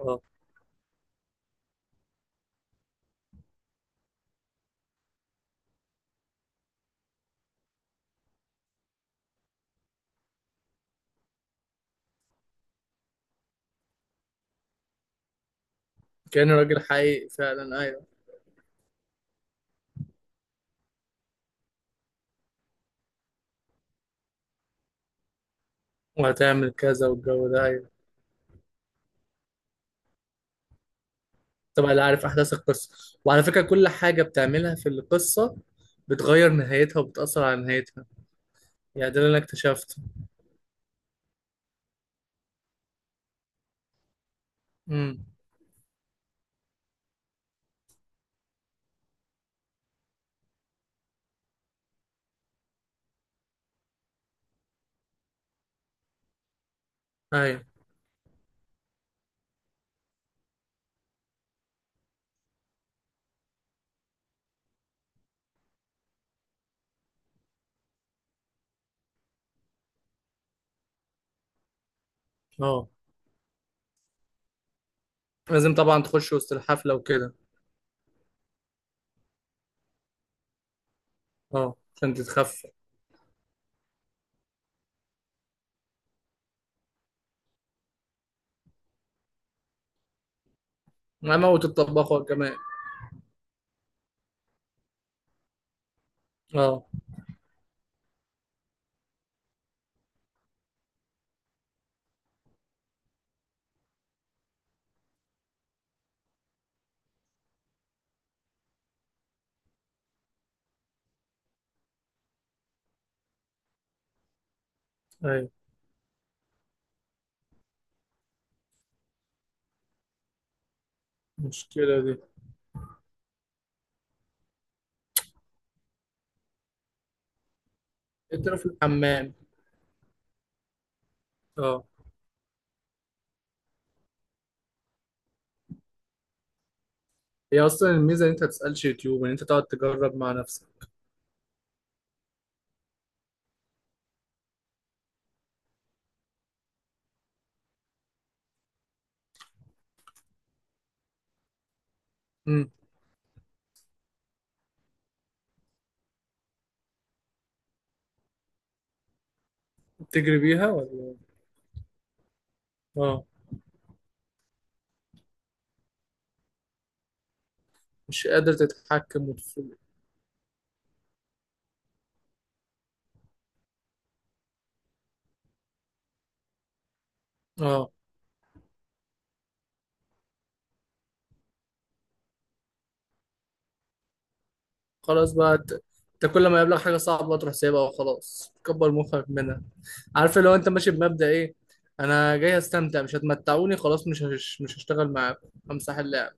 اه، كأنه راجل حقيقي فعلا، ايوه. وهتعمل كذا والجو ده، ايوه، طبعا اللي عارف احداث القصه. وعلى فكره، كل حاجه بتعملها في القصه بتغير نهايتها وبتاثر على نهايتها. يعني ده اللي انا اكتشفته. امم، ايوه. اه، لازم طبعا تخش وسط الحفله وكده. اه، عشان تتخفى. انا موت الطباخ كمان. اه ايوه، المشكله دي. انت في الحمام؟ اه، هي اصلا الميزه ان انت ما تسالش يوتيوب، ان انت تقعد تجرب مع نفسك. امم. بتجري بيها ولا؟ اه، مش قادر تتحكم وتفوق. اه، خلاص بقى انت، انت كل ما يقابلك حاجه صعبه تروح سايبها وخلاص، تكبر مخك منها. عارف لو انت ماشي بمبدأ ايه؟ انا جاي استمتع، مش هتمتعوني خلاص، مش هشتغل معاكم، همسح اللعب.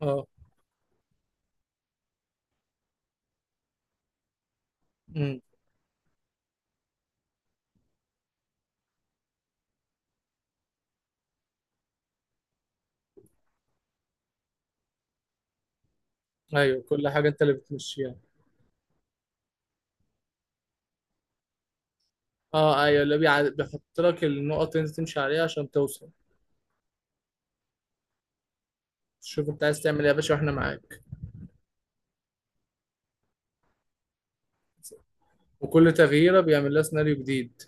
اه. امم. ايوه كل حاجه انت اللي بتمشيها. اه ايوه، بيحط لك النقط اللي انت تمشي عليها عشان توصل. شوف انت عايز تعمل ايه يا باشا واحنا معاك. وكل تغييره بيعمل لها سيناريو جديد.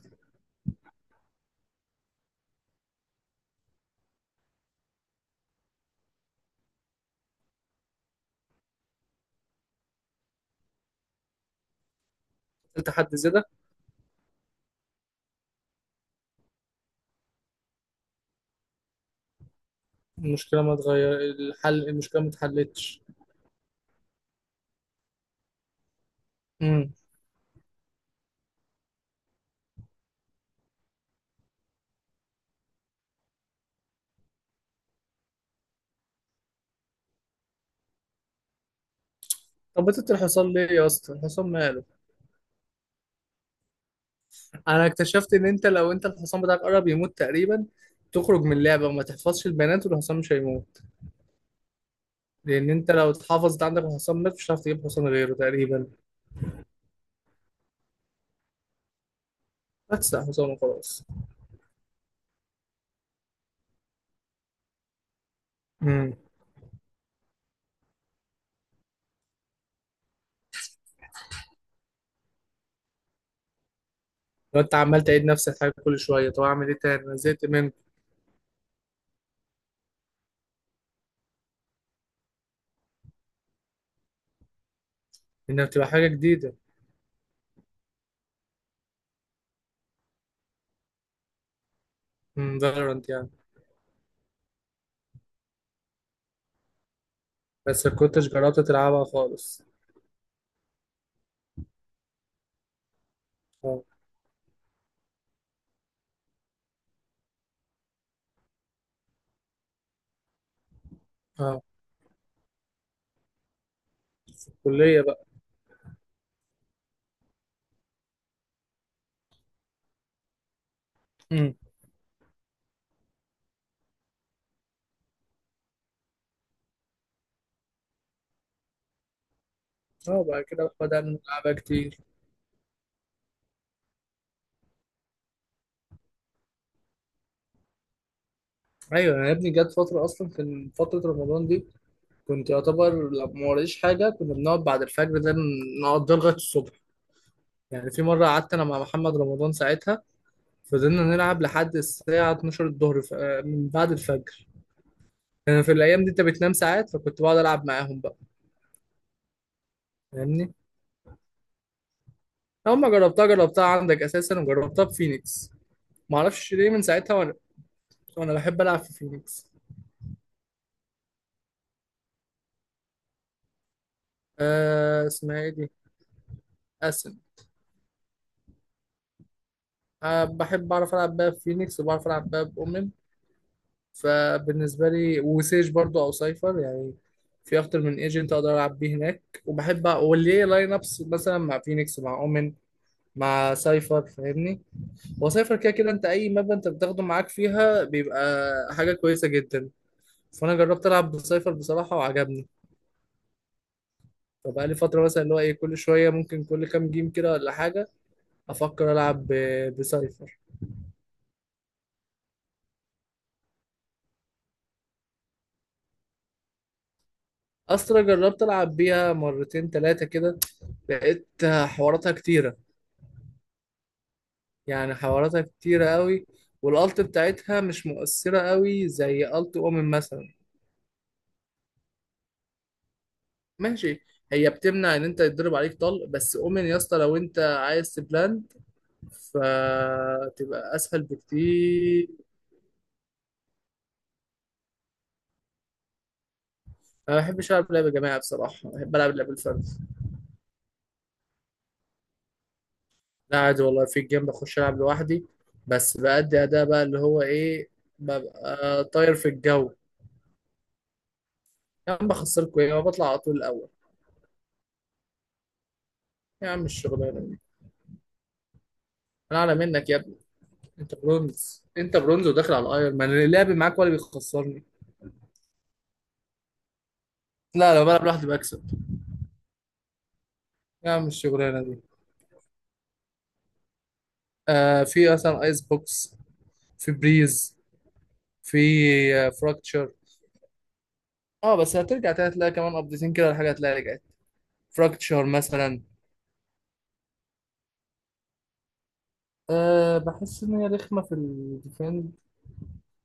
انت حد زيادة. المشكله ما اتغير الحل، المشكله ما اتحلتش. طب بتت الحصان ليه يا اسطى؟ الحصان ماله؟ انا اكتشفت ان انت لو انت الحصان بتاعك قرب يموت تقريبا، تخرج من اللعبه وما تحفظش البيانات والحصان مش هيموت. لان انت لو اتحفظت عندك الحصان مات، مش هتعرف تجيب حصان غيره تقريبا. بس حصان وخلاص. امم. لو انت عمال تعيد نفس الحاجه كل شويه، طب اعمل ايه تاني؟ انا زهقت منك. انها بتبقى حاجه جديده. امم، فالورانت يعني. بس ما كنتش جربت تلعبها خالص. اه. اه، كليه بقى. امم. اه بعد كده بدأنا نلعبها كتير. ايوه يا ابني، جت فتره اصلا كان فتره رمضان دي. كنت يعتبر لو ما وريش حاجة كنا بنقعد بعد الفجر ده نقضي لغاية الصبح. يعني في مرة قعدت أنا مع محمد رمضان ساعتها، فضلنا نلعب لحد الساعة 12 الظهر، من بعد الفجر. يعني في الأيام دي أنت بتنام ساعات، فكنت بقعد ألعب معاهم بقى. فاهمني؟ أول ما جربتها جربتها عندك أساسا، وجربتها في فينيكس. معرفش ليه من ساعتها وأنا، وأنا بحب ألعب في فينيكس. آه اسمها إيه دي؟ أسن. أه بحب أعرف ألعب بقى في فينيكس، وبعرف ألعب بقى بأمم. فبالنسبه لي وسيج برضو او سايفر يعني. في اكتر من ايجنت اقدر العب بيه هناك، وبحب وليه لاين ابس مثلا مع فينيكس، مع اومن، مع سايفر. فاهمني؟ وسايفر كده كده انت اي ماب انت بتاخده معاك فيها بيبقى حاجه كويسه جدا. فانا جربت العب بسايفر بصراحه وعجبني. فبقى لي فتره مثلا اللي هو ايه، كل شويه ممكن كل كام جيم كده ولا حاجه افكر العب بسايفر. استرا جربت العب بيها مرتين ثلاثه كده، لقيت حواراتها كتيره. يعني حواراتها كتيرة قوي، والالت بتاعتها مش مؤثرة قوي زي الت اومن مثلا. ماشي. هي بتمنع ان انت يتضرب عليك طلق، بس اومن يا اسطى لو انت عايز تبلاند، فتبقى اسهل بكتير. انا ما بحبش العب لعبة جماعي بصراحة، بحب العب لعبة الفرد. لا عادي والله، في الجيم بخش العب لوحدي، بس بأدي اداء بقى اللي هو ايه، ببقى طاير في الجو. يا عم بخسركوا ايه؟ ما بطلع على طول الاول. يا عم الشغلانة دي. انا اعلى منك يا ابني، انت برونز، انت برونز وداخل على الايرون مان، اللعب معاك ولا بيخسرني. لا لو بلعب لوحدي بكسب. يا عم الشغلانه دي. آه في مثلا ايس بوكس، في بريز، في آه فراكتشر. اه بس هترجع تاني، هتلاقي كمان قبضتين كده الحاجه هتلاقي رجعت. فراكتشر مثلا. آه بحس ان هي رخمه في الديفند.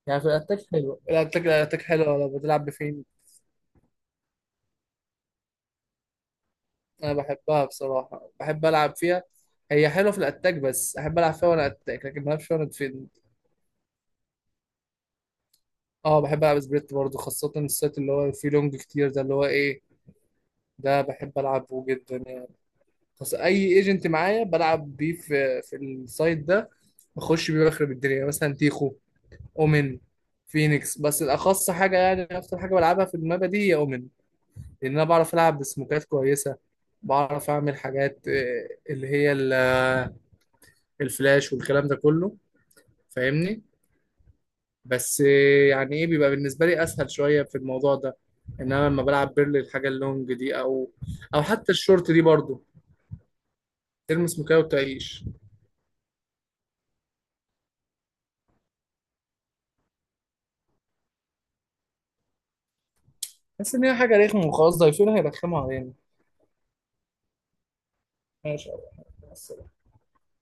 يعني في الاتاك حلوه، الاتاك، الاتاك حلوه لو بتلعب بفين. انا بحبها بصراحه، بحب العب فيها. هي حلوه في الاتاك، بس احب العب فيها وانا اتاك، لكن ما بلعبش وانا ديفند. اه بحب العب سبريت برضه، خاصة السيت اللي هو فيه لونج كتير ده اللي هو ايه، ده بحب العبه جدا يعني. خاصة اي ايجنت معايا بلعب بيه في السايت ده. بخش بيه بخرب الدنيا، يعني مثلا تيخو، اومن، فينيكس. بس الاخص حاجة يعني اكتر حاجة بلعبها في المابا دي هي اومن، لان انا بعرف العب بسموكات كويسة. بعرف اعمل حاجات، اللي هي الفلاش والكلام ده كله. فاهمني؟ بس يعني ايه، بيبقى بالنسبه لي اسهل شويه في الموضوع ده. انما لما بلعب بيرلي الحاجه اللونج دي، او او حتى الشورت دي برضو، تلمس مكاية وتعيش. بس ان هي حاجه رخمه وخلاص، ضايفينها يرخموا علينا. ماشي يا أبو أحمد.